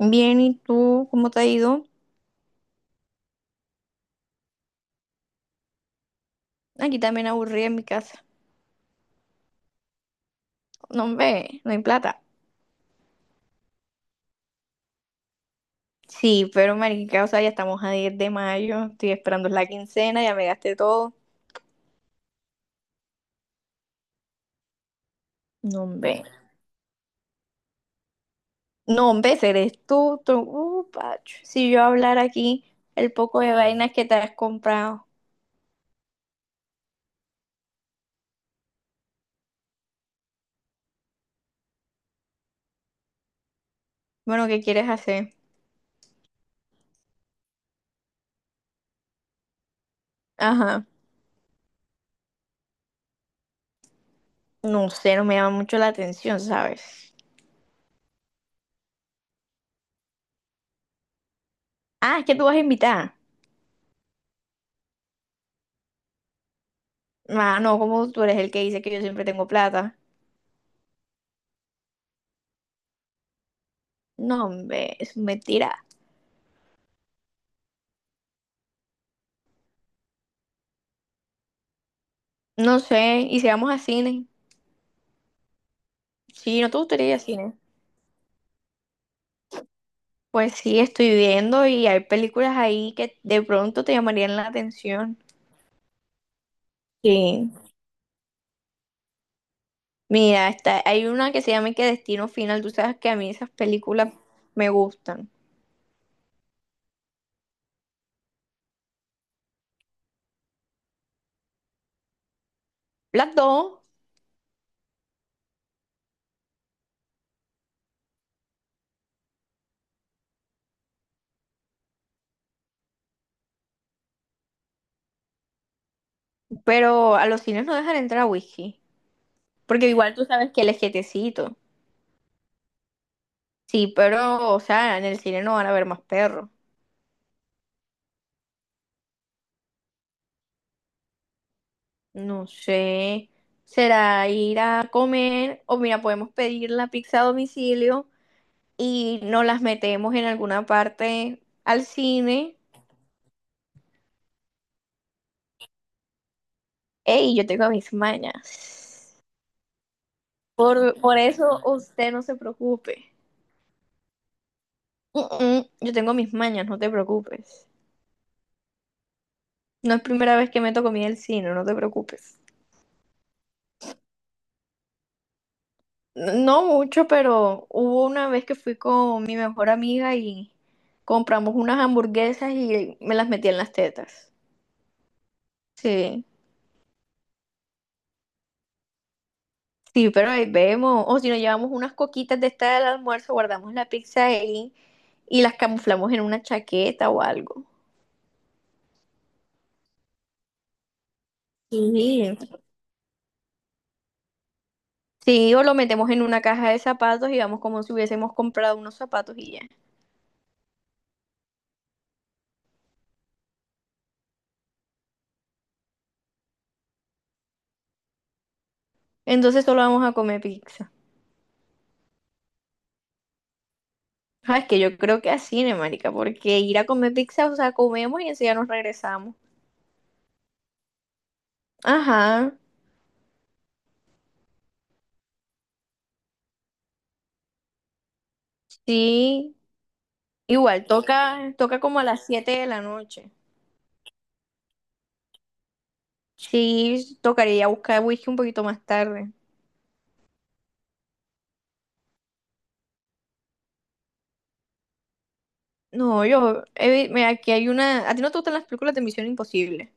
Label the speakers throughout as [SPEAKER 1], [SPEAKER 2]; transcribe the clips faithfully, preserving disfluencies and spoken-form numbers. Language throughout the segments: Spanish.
[SPEAKER 1] Bien, ¿y tú cómo te ha ido? Aquí también aburrida en mi casa. No, ve, no hay plata. Sí, pero marica, o sea, ya estamos a diez de mayo, estoy esperando la quincena, ya me gasté todo. No, ve, No, ve, eres tú, tú, uh, pacho. Si yo hablar aquí el poco de vainas que te has comprado, bueno, ¿qué quieres hacer? Ajá. No sé, no me llama mucho la atención, ¿sabes? Ah, es que tú vas a invitar. Ah, no, como tú eres el que dice que yo siempre tengo plata. No, hombre, es mentira. No sé, y si vamos a cine. Sí, ¿no te gustaría ir a cine? Pues sí, estoy viendo y hay películas ahí que de pronto te llamarían la atención. Sí. Mira, está, hay una que se llama que Destino Final. Tú sabes que a mí esas películas me gustan. Las dos, pero a los cines no dejan entrar a whisky. Porque igual tú sabes que el es quietecito. Sí, pero, o sea, en el cine no van a ver más perros. No sé. Será ir a comer o mira, podemos pedir la pizza a domicilio y nos las metemos en alguna parte al cine. Ey, yo tengo mis mañas. Por, por eso usted no se preocupe. Mm, mm, yo tengo mis mañas, no te preocupes. No es primera vez que meto comida al cine, no te preocupes. No mucho, pero hubo una vez que fui con mi mejor amiga y compramos unas hamburguesas y me las metí en las tetas. Sí, sí, pero ahí vemos. O si nos llevamos unas coquitas de esta del almuerzo, guardamos la pizza ahí y las camuflamos en una chaqueta o algo. Sí. Sí, o lo metemos en una caja de zapatos y vamos como si hubiésemos comprado unos zapatos y ya. Entonces solo vamos a comer pizza. Ah, es que yo creo que así, ¿no, marica? Porque ir a comer pizza, o sea, comemos y enseguida nos regresamos. Ajá, sí. Igual, toca, toca como a las siete de la noche. Sí, tocaría buscar whisky un poquito más tarde. No, yo, eh, mira, aquí hay una. ¿A ti no te gustan las películas de Misión Imposible?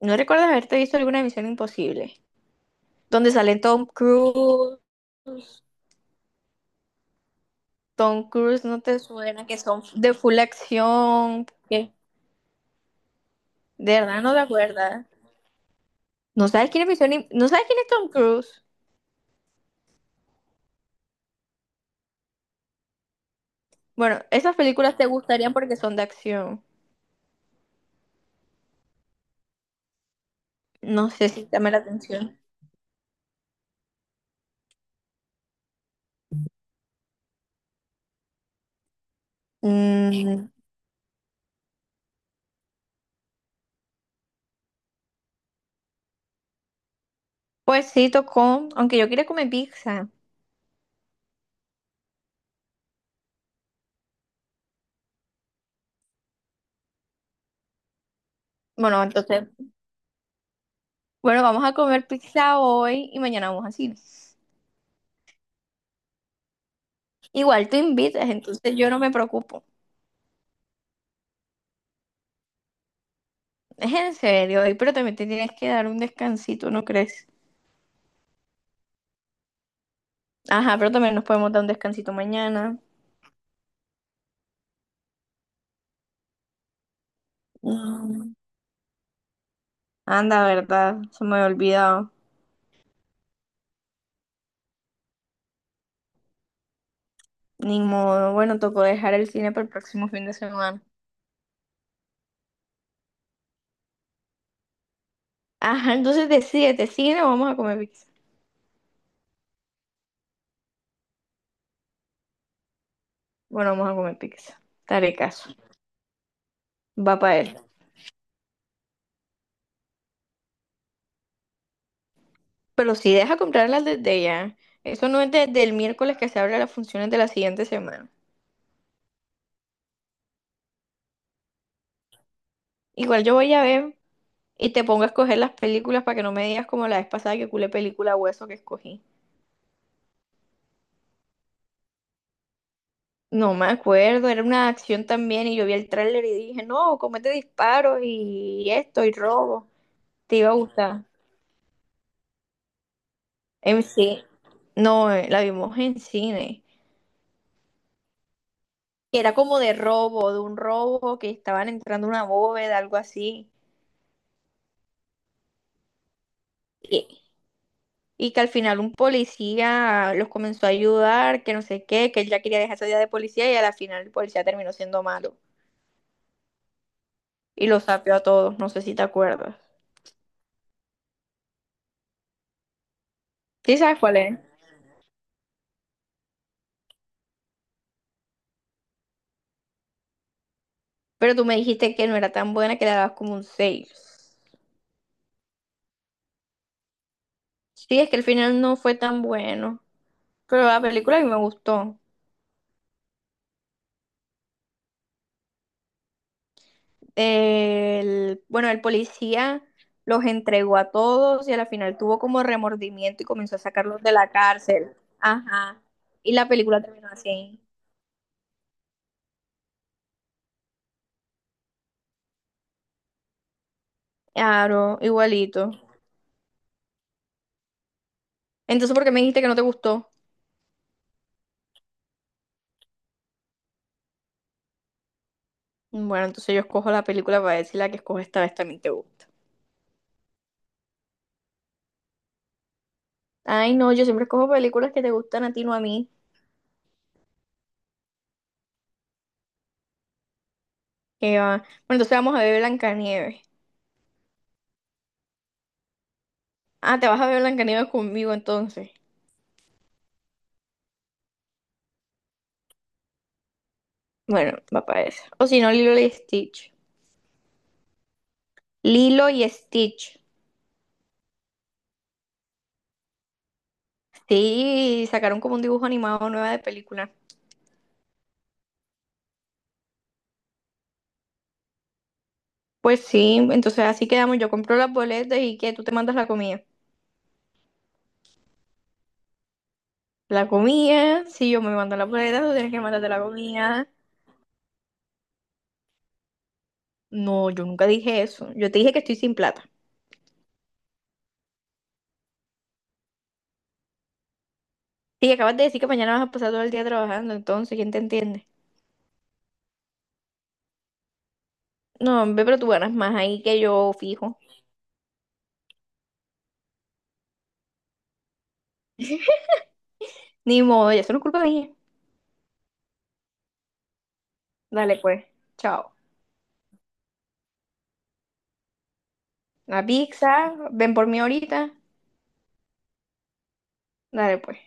[SPEAKER 1] ¿No recuerdas haberte visto alguna Misión Imposible? Donde salen Tom Cruise. Tom Cruise no te suena, que son de full acción. ¿qué? De verdad no te acuerdas. ¿No sabes quién es Misión Im- ¿No sabes quién es Tom Cruise? Bueno, esas películas te gustarían porque son de acción. No sé si te llama la atención. Mm, pues sí, tocó. Aunque yo quería comer pizza. Bueno, entonces, bueno, vamos a comer pizza hoy y mañana vamos a cine. Igual tú invitas, entonces yo no me preocupo. Es en serio, ahí, pero también te tienes que dar un descansito, ¿no crees? Ajá, pero también nos podemos dar un descansito mañana. Mm, Anda, ¿verdad? Se me había olvidado. Ni modo. Bueno, tocó dejar el cine para el próximo fin de semana. Ajá, entonces decídete, cine o vamos a comer pizza. Bueno, vamos a comer pizza. Te haré caso. Va para él. Pero si deja comprarlas desde ya. Eso no es desde el miércoles que se abren las funciones de la siguiente semana. Igual yo voy a ver Y te pongo a escoger las películas para que no me digas como la vez pasada que culé película hueso que escogí. No me acuerdo, era una acción también y yo vi el tráiler y dije, no, comete disparos y esto y robo. Te iba a gustar. En sí, no, eh, la vimos en cine. Que Era como de robo, de un robo que estaban entrando a una bóveda, algo así. Y, y que al final un policía los comenzó a ayudar, que no sé qué, que él ya quería dejar esa vida de policía y a la final el policía terminó siendo malo, y los sapeó a todos. No sé si te acuerdas. Sí sabes cuál es. Pero tú me dijiste que no era tan buena que le dabas como un seis. Sí, es que el final no fue tan bueno. Pero la película a mí me gustó. El, bueno, el policía los entregó a todos y a la final tuvo como remordimiento y comenzó a sacarlos de la cárcel. Ajá. Y la película terminó así. Claro, igualito. Entonces, ¿por qué me dijiste que no te gustó? Bueno, entonces yo escojo la película para decir la que escojo esta vez también te gusta. Ay, no, yo siempre cojo películas que te gustan a ti, no a mí. Que, va. Bueno, entonces vamos a ver Blancanieves. Ah, te vas a ver Blancanieves conmigo entonces. Bueno, va para eso. O si no, Lilo y Stitch. Lilo y Stitch. Sí, sacaron como un dibujo animado nueva de película. Pues sí, entonces así quedamos. Yo compro las boletas y que tú te mandas la comida. La comida, si yo me mando las boletas, tú tienes que mandarte la comida. No, yo nunca dije eso. Yo te dije que estoy sin plata. Sí, acabas de decir que mañana vas a pasar todo el día trabajando, entonces, ¿quién te entiende? No, hombre, pero tú ganas más ahí que yo, fijo. Ni modo, ya solo es culpa de ella. Dale, pues. Chao. La pizza, ven por mí ahorita. Dale, pues.